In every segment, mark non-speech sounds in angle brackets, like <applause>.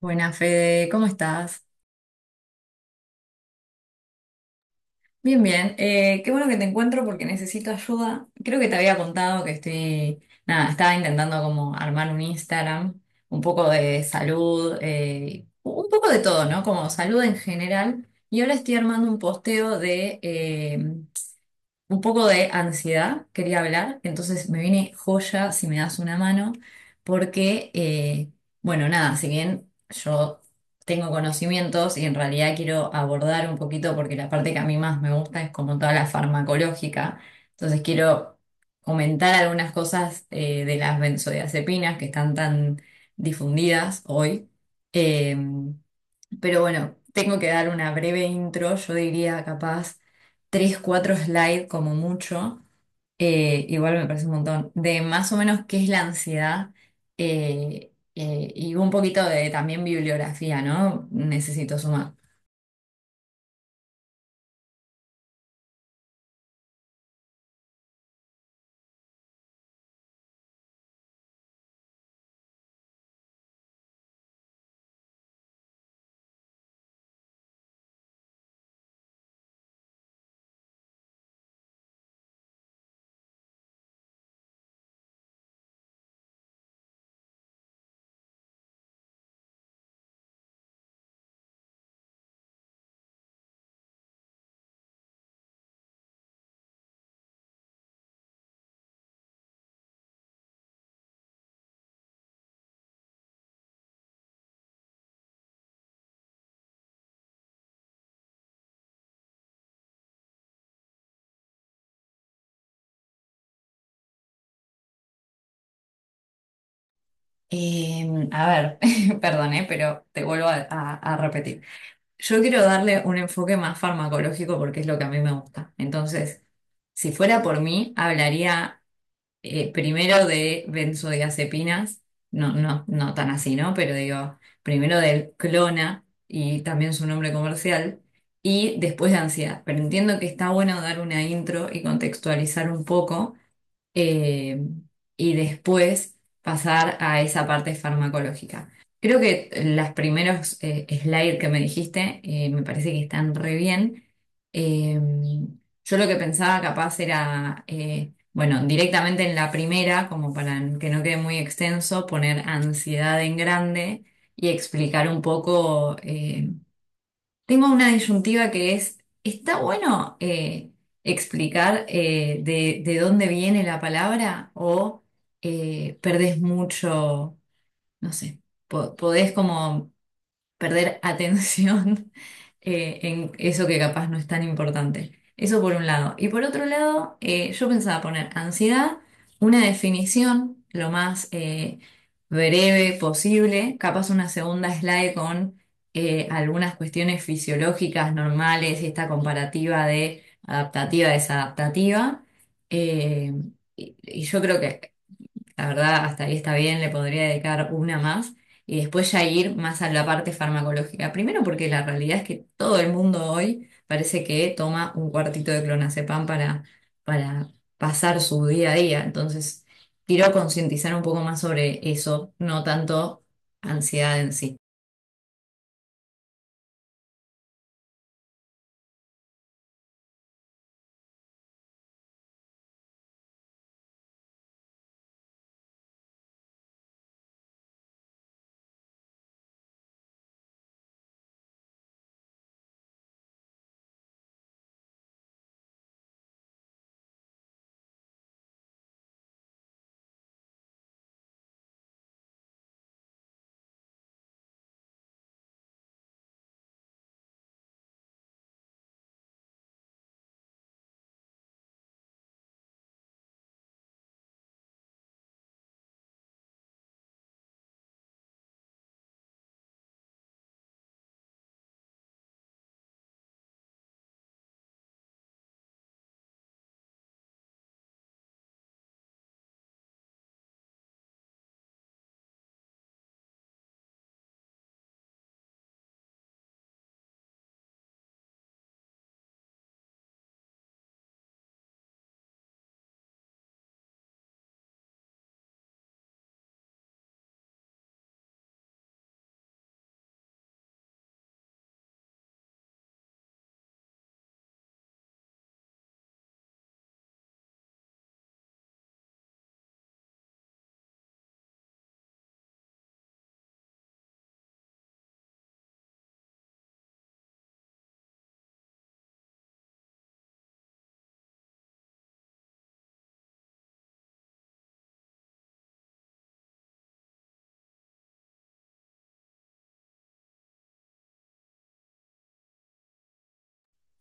Buenas, Fede, ¿cómo estás? Bien, bien. Qué bueno que te encuentro porque necesito ayuda. Creo que te había contado que estoy, nada, estaba intentando como armar un Instagram, un poco de salud, un poco de todo, ¿no? Como salud en general. Y ahora estoy armando un posteo de, un poco de ansiedad, quería hablar, entonces me viene joya si me das una mano, porque, bueno, nada, si bien yo tengo conocimientos y en realidad quiero abordar un poquito, porque la parte que a mí más me gusta es como toda la farmacológica, entonces quiero comentar algunas cosas de las benzodiazepinas que están tan difundidas hoy. Em, pero bueno, tengo que dar una breve intro, yo diría capaz tres, cuatro slides como mucho, igual me parece un montón, de más o menos qué es la ansiedad y un poquito de también bibliografía, ¿no? Necesito sumar. A ver, <laughs> perdón, pero te vuelvo a repetir. Yo quiero darle un enfoque más farmacológico porque es lo que a mí me gusta. Entonces, si fuera por mí, hablaría primero de benzodiazepinas, no, no, no tan así, ¿no? Pero digo, primero del Clona y también su nombre comercial, y después de ansiedad. Pero entiendo que está bueno dar una intro y contextualizar un poco eh, y después pasar a esa parte farmacológica. Creo que los primeros slides que me dijiste me parece que están re bien. Eh, yo lo que pensaba capaz era, bueno, directamente en la primera, como para que no quede muy extenso, poner ansiedad en grande y explicar un poco. Tengo una disyuntiva que es, ¿está bueno explicar de dónde viene la palabra o perdés mucho, no sé, podés como perder atención <laughs> en eso que capaz no es tan importante. Eso por un lado. Y por otro lado, yo pensaba poner ansiedad, una definición lo más breve posible, capaz una segunda slide con algunas cuestiones fisiológicas normales y esta comparativa de adaptativa, desadaptativa. Eh, y yo creo que la verdad, hasta ahí está bien, le podría dedicar una más y después ya ir más a la parte farmacológica. Primero porque la realidad es que todo el mundo hoy parece que toma un cuartito de clonazepam para pasar su día a día. Entonces, quiero concientizar un poco más sobre eso, no tanto ansiedad en sí.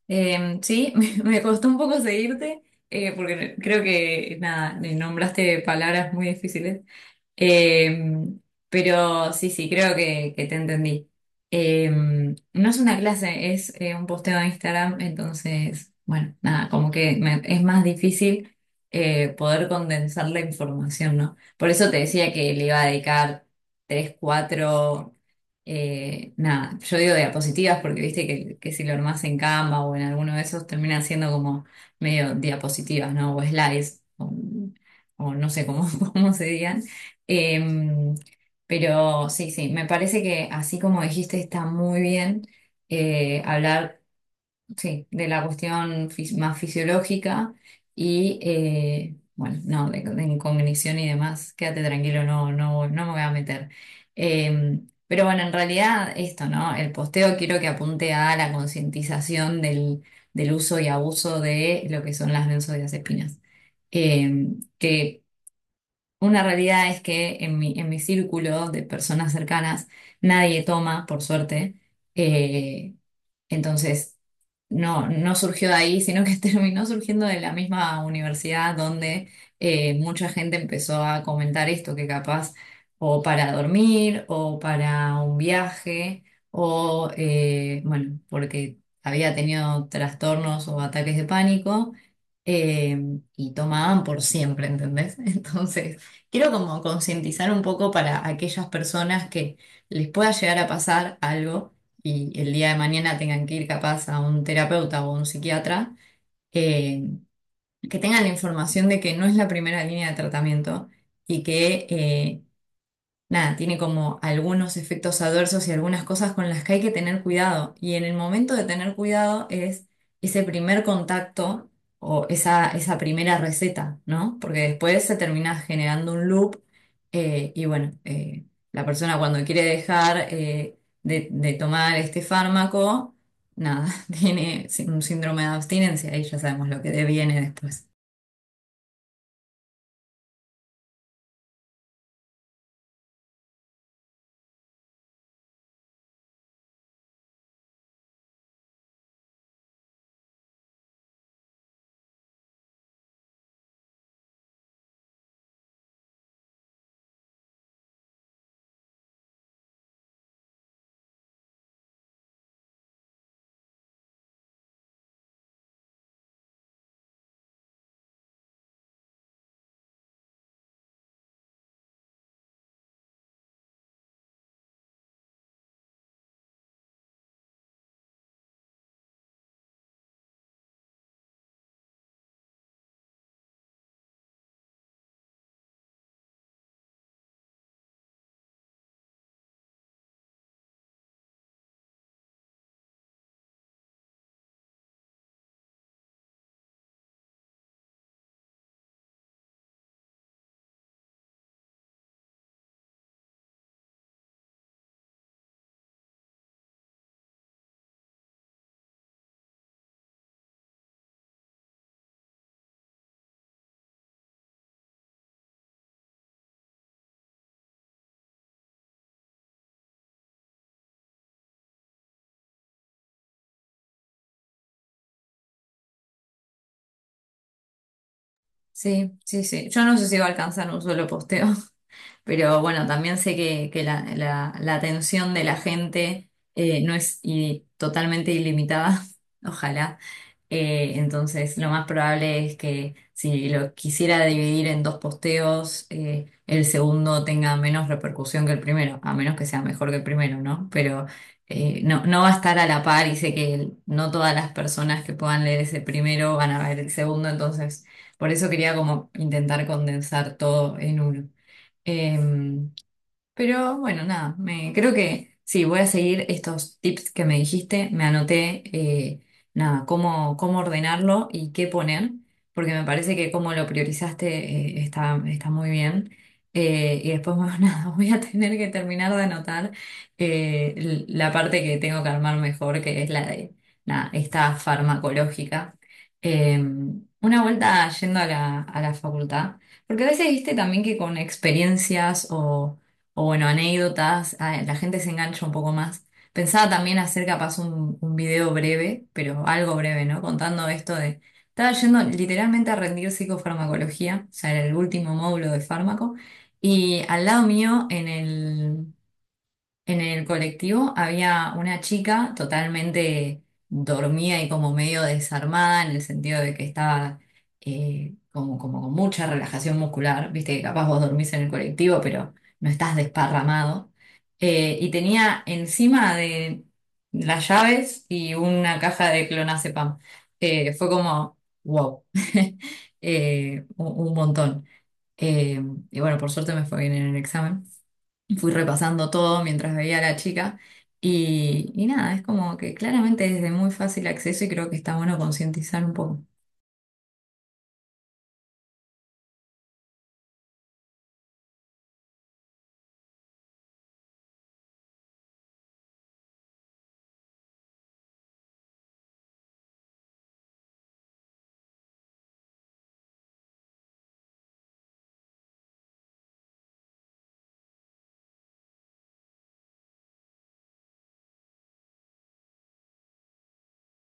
Sí, <laughs> me costó un poco seguirte porque creo que, nada, nombraste palabras muy difíciles. Eh, pero sí, sí, creo que te entendí. No es una clase, es un posteo de Instagram, entonces, bueno, nada, como que es más difícil poder condensar la información, ¿no? Por eso te decía que le iba a dedicar tres, cuatro, nada, yo digo diapositivas porque viste que si lo armás en Canva o en alguno de esos termina siendo como medio diapositivas, ¿no? O slides, o no sé cómo, <laughs> cómo se digan. Em, pero sí, sí, me parece que así como dijiste, está muy bien hablar, sí, de la cuestión más fisiológica y, bueno, no, de incognición y demás, quédate tranquilo, no, no, no me voy a meter. Pero bueno, en realidad esto, ¿no? El posteo quiero que apunte a la concientización del, del uso y abuso de lo que son las benzodiazepinas. Que una realidad es que en mi círculo de personas cercanas nadie toma, por suerte, eh, entonces, no, no surgió de ahí, sino que <laughs> terminó surgiendo de la misma universidad donde mucha gente empezó a comentar esto, que capaz o para dormir o para un viaje o, bueno, porque había tenido trastornos o ataques de pánico y tomaban por siempre, ¿entendés? <laughs> Entonces, quiero como concientizar un poco para aquellas personas que les pueda llegar a pasar algo y el día de mañana tengan que ir capaz a un terapeuta o a un psiquiatra, eh, que tengan la información de que no es la primera línea de tratamiento y que nada, tiene como algunos efectos adversos y algunas cosas con las que hay que tener cuidado. Y en el momento de tener cuidado es ese primer contacto o esa primera receta, ¿no? Porque después se termina generando un loop y bueno, la persona cuando quiere dejar de tomar este fármaco, nada, <laughs> tiene un síndrome de abstinencia y ya sabemos lo que deviene después. Sí, sí, sí. Yo no sé si va a alcanzar un solo posteo. Pero bueno, también sé que la atención de la gente no es totalmente ilimitada, <laughs> ojalá. Entonces, lo más probable es que si lo quisiera dividir en dos posteos, el segundo tenga menos repercusión que el primero, a menos que sea mejor que el primero, ¿no? Pero no, no va a estar a la par y sé que no todas las personas que puedan leer ese primero van a ver el segundo, entonces por eso quería como intentar condensar todo en uno. Em, pero bueno, nada, me, creo que sí, voy a seguir estos tips que me dijiste, me anoté, nada, cómo, cómo ordenarlo y qué poner, porque me parece que como lo priorizaste, está, está muy bien. Y después, bueno, <laughs> nada, voy a tener que terminar de anotar la parte que tengo que armar mejor, que es la de, nada, esta farmacológica. Eh, una vuelta yendo a la facultad, porque a veces viste también que con experiencias o bueno, anécdotas, ah, la gente se engancha un poco más. Pensaba también hacer capaz un video breve, pero algo breve, ¿no? Contando esto de, estaba yendo literalmente a rendir psicofarmacología, o sea, era el último módulo de fármaco, y al lado mío en el colectivo había una chica totalmente dormida y como medio desarmada en el sentido de que estaba como, como con mucha relajación muscular. Viste que capaz vos dormís en el colectivo, pero no estás desparramado. Y tenía encima de las llaves y una caja de clonazepam. Fue como, wow. <laughs> Un montón. Eh, y bueno, por suerte me fue bien en el examen. Fui repasando todo mientras veía a la chica y nada, es como que claramente es de muy fácil acceso y creo que está bueno concientizar un poco.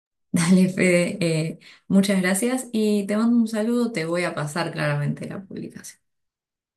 <laughs> Dale, Fede, muchas gracias y te mando un saludo, te voy a pasar claramente la publicación.